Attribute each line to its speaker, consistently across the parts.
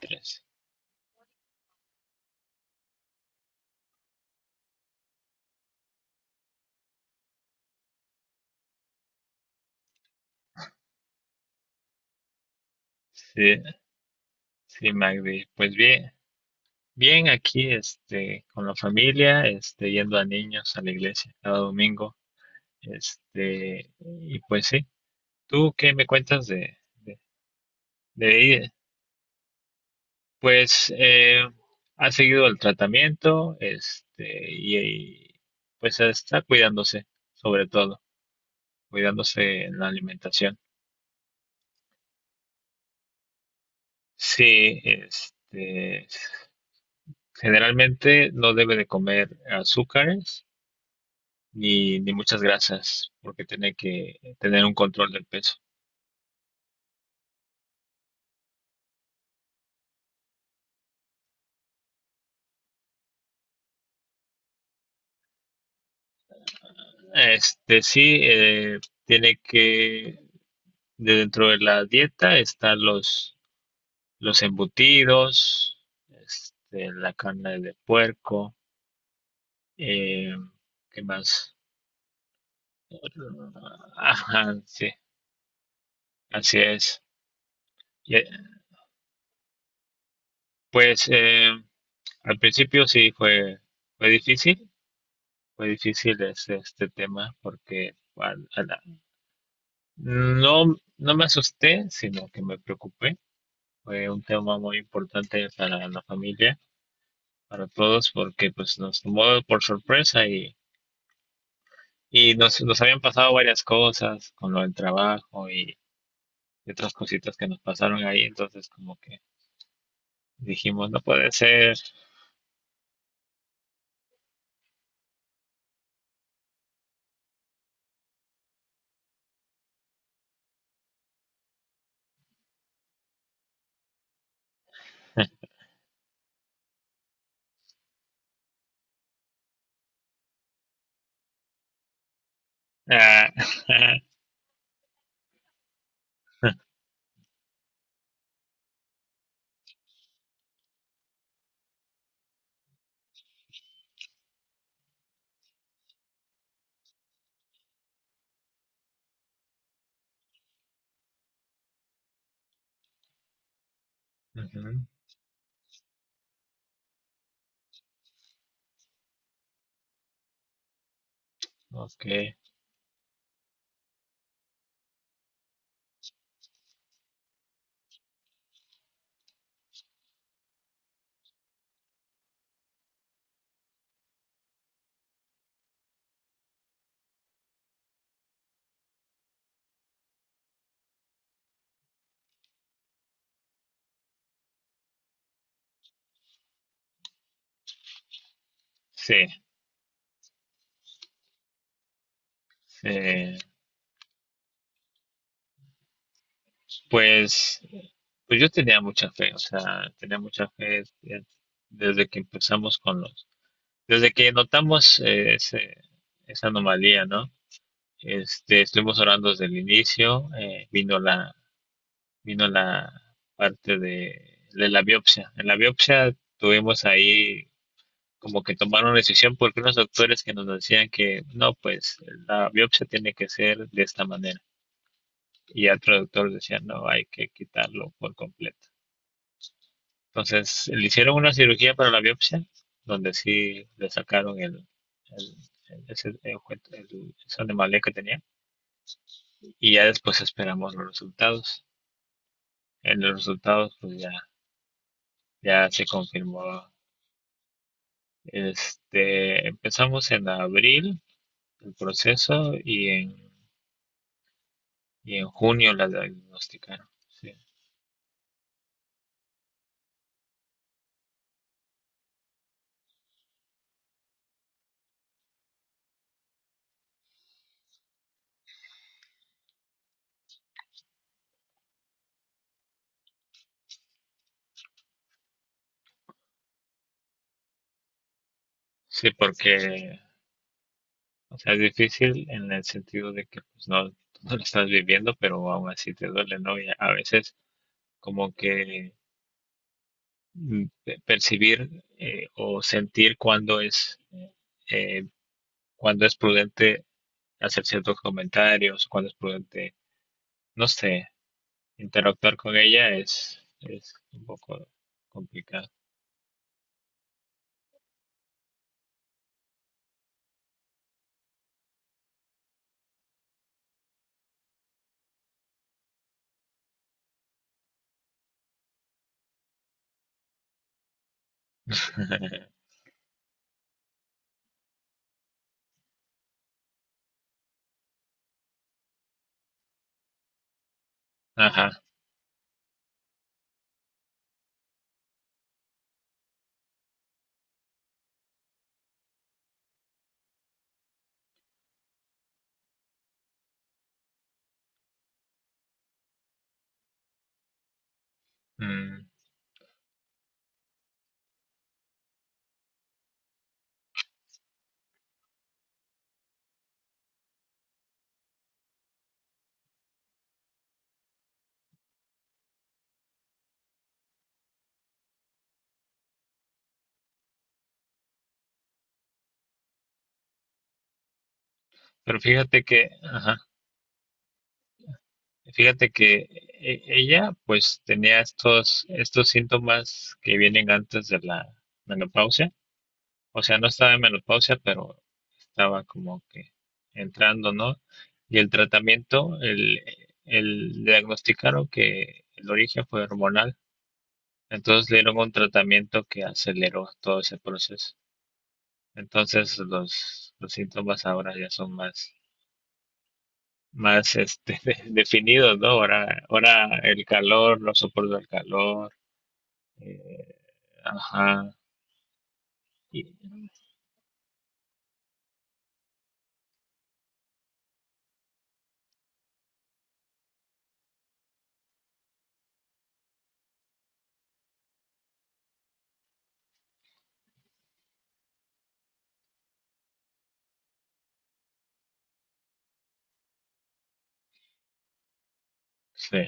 Speaker 1: Tres. Sí, sí, Magdi. Pues bien, bien aquí, con la familia, yendo a niños a la iglesia cada domingo, y pues sí. ¿Tú qué me cuentas de ahí? Pues ha seguido el tratamiento, y, pues está cuidándose, sobre todo, cuidándose en la alimentación. Sí, generalmente no debe de comer azúcares ni muchas grasas, porque tiene que tener un control del peso. Este sí, tiene que, de dentro de la dieta están los embutidos, la carne de puerco, eh, ¿qué más? Ajá, sí, así es. Y, pues al principio sí fue difícil, fue difícil este tema No, no me asusté, sino que me preocupé. Fue un tema muy importante para la familia, para todos, porque pues nos tomó por sorpresa y nos habían pasado varias cosas con lo del trabajo y otras cositas que nos pasaron ahí. Entonces como que dijimos, no puede ser. Ah, ujú, ok, sí, sí. Pues, pues yo tenía mucha fe, o sea, tenía mucha fe desde que empezamos con los. Desde que notamos esa anomalía, ¿no? Estuvimos orando desde el inicio, vino la parte de la biopsia. En la biopsia tuvimos ahí como que tomar una decisión, porque unos doctores que nos decían que no, pues la biopsia tiene que ser de esta manera. Y otro doctor decía, no, hay que quitarlo por completo. Entonces, le hicieron una cirugía para la biopsia, donde sí le sacaron el, el- ese, el ojue- el- esa anomalía que tenía. Y ya después esperamos los resultados. En los resultados, pues ya se confirmó. Empezamos en abril el proceso y en junio la diagnosticaron. Sí, sí, porque o sea, es difícil en el sentido de que pues, no, no lo estás viviendo, pero aún así te duele, ¿no? Y a veces como que percibir, o sentir eh, cuándo es prudente hacer ciertos comentarios, cuándo es prudente, no sé, interactuar con ella es un poco complicado. Ajá. Mm. Pero fíjate que, ajá, fíjate que ella pues tenía estos síntomas que vienen antes de la menopausia. O sea, no estaba en menopausia, pero estaba como que entrando, ¿no? Y el tratamiento, el diagnosticaron que el origen fue hormonal. Entonces le dieron un tratamiento que aceleró todo ese proceso. Entonces los síntomas ahora ya son más definidos, ¿no? Ahora el calor, no soporto el calor. eh, ajá. y- sí,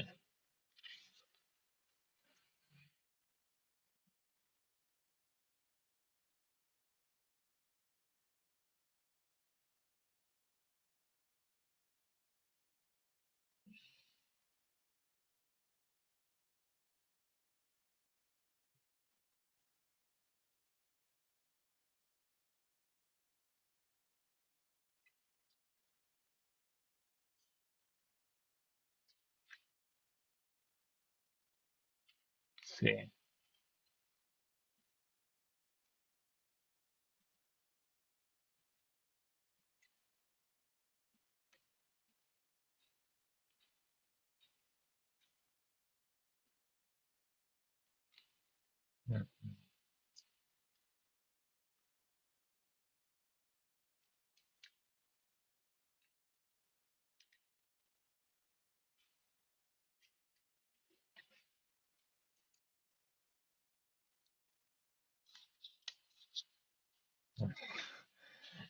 Speaker 1: sí.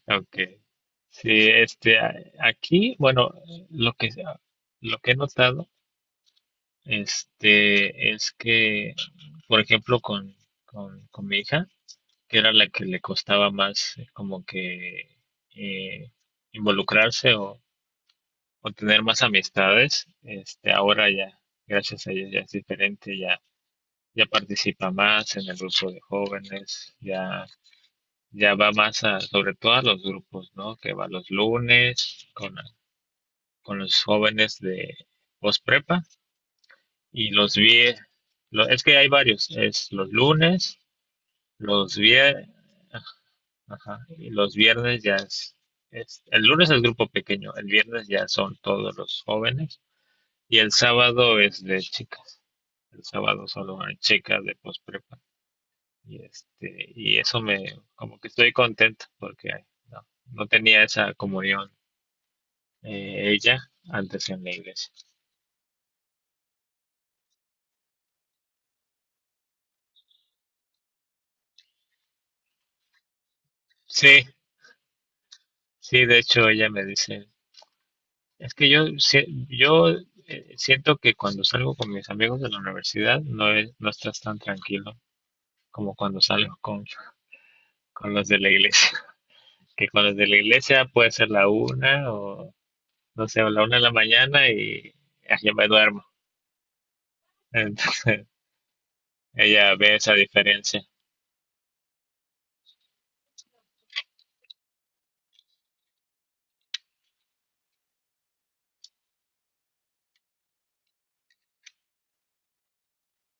Speaker 1: Okay. Sí, aquí, bueno, lo que, lo que he notado, es que, por ejemplo, con mi hija, que era la que le costaba más, como que eh, involucrarse o tener más amistades, ahora ya, gracias a ella ya es diferente, ya participa más en el grupo de jóvenes, ya va más a, sobre todo a los grupos, ¿no? Que va los lunes, con los jóvenes de posprepa. y los vi, es que hay varios, es los lunes, los viernes, y los viernes ya. El lunes es grupo pequeño, el viernes ya son todos los jóvenes y el sábado es de chicas. El sábado solo hay chicas de posprepa y eso me, como que estoy contento porque no, no tenía esa comunión, ella antes, en la iglesia. Sí, sí, de hecho ella me dice, es que yo, si- yo siento que cuando salgo con mis amigos de la universidad no, no estás tan tranquilo como cuando salgo con los de la iglesia. Que con los de la iglesia puede ser la una o, no sé, o la una de la mañana y ah, ya me duermo. Entonces ella ve esa diferencia.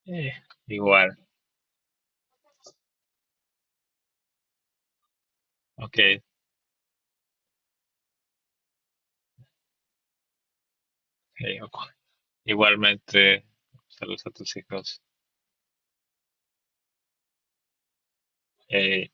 Speaker 1: Eh, Igual, ok, eh, ocu- igualmente, saludos a tus hijos. Eh,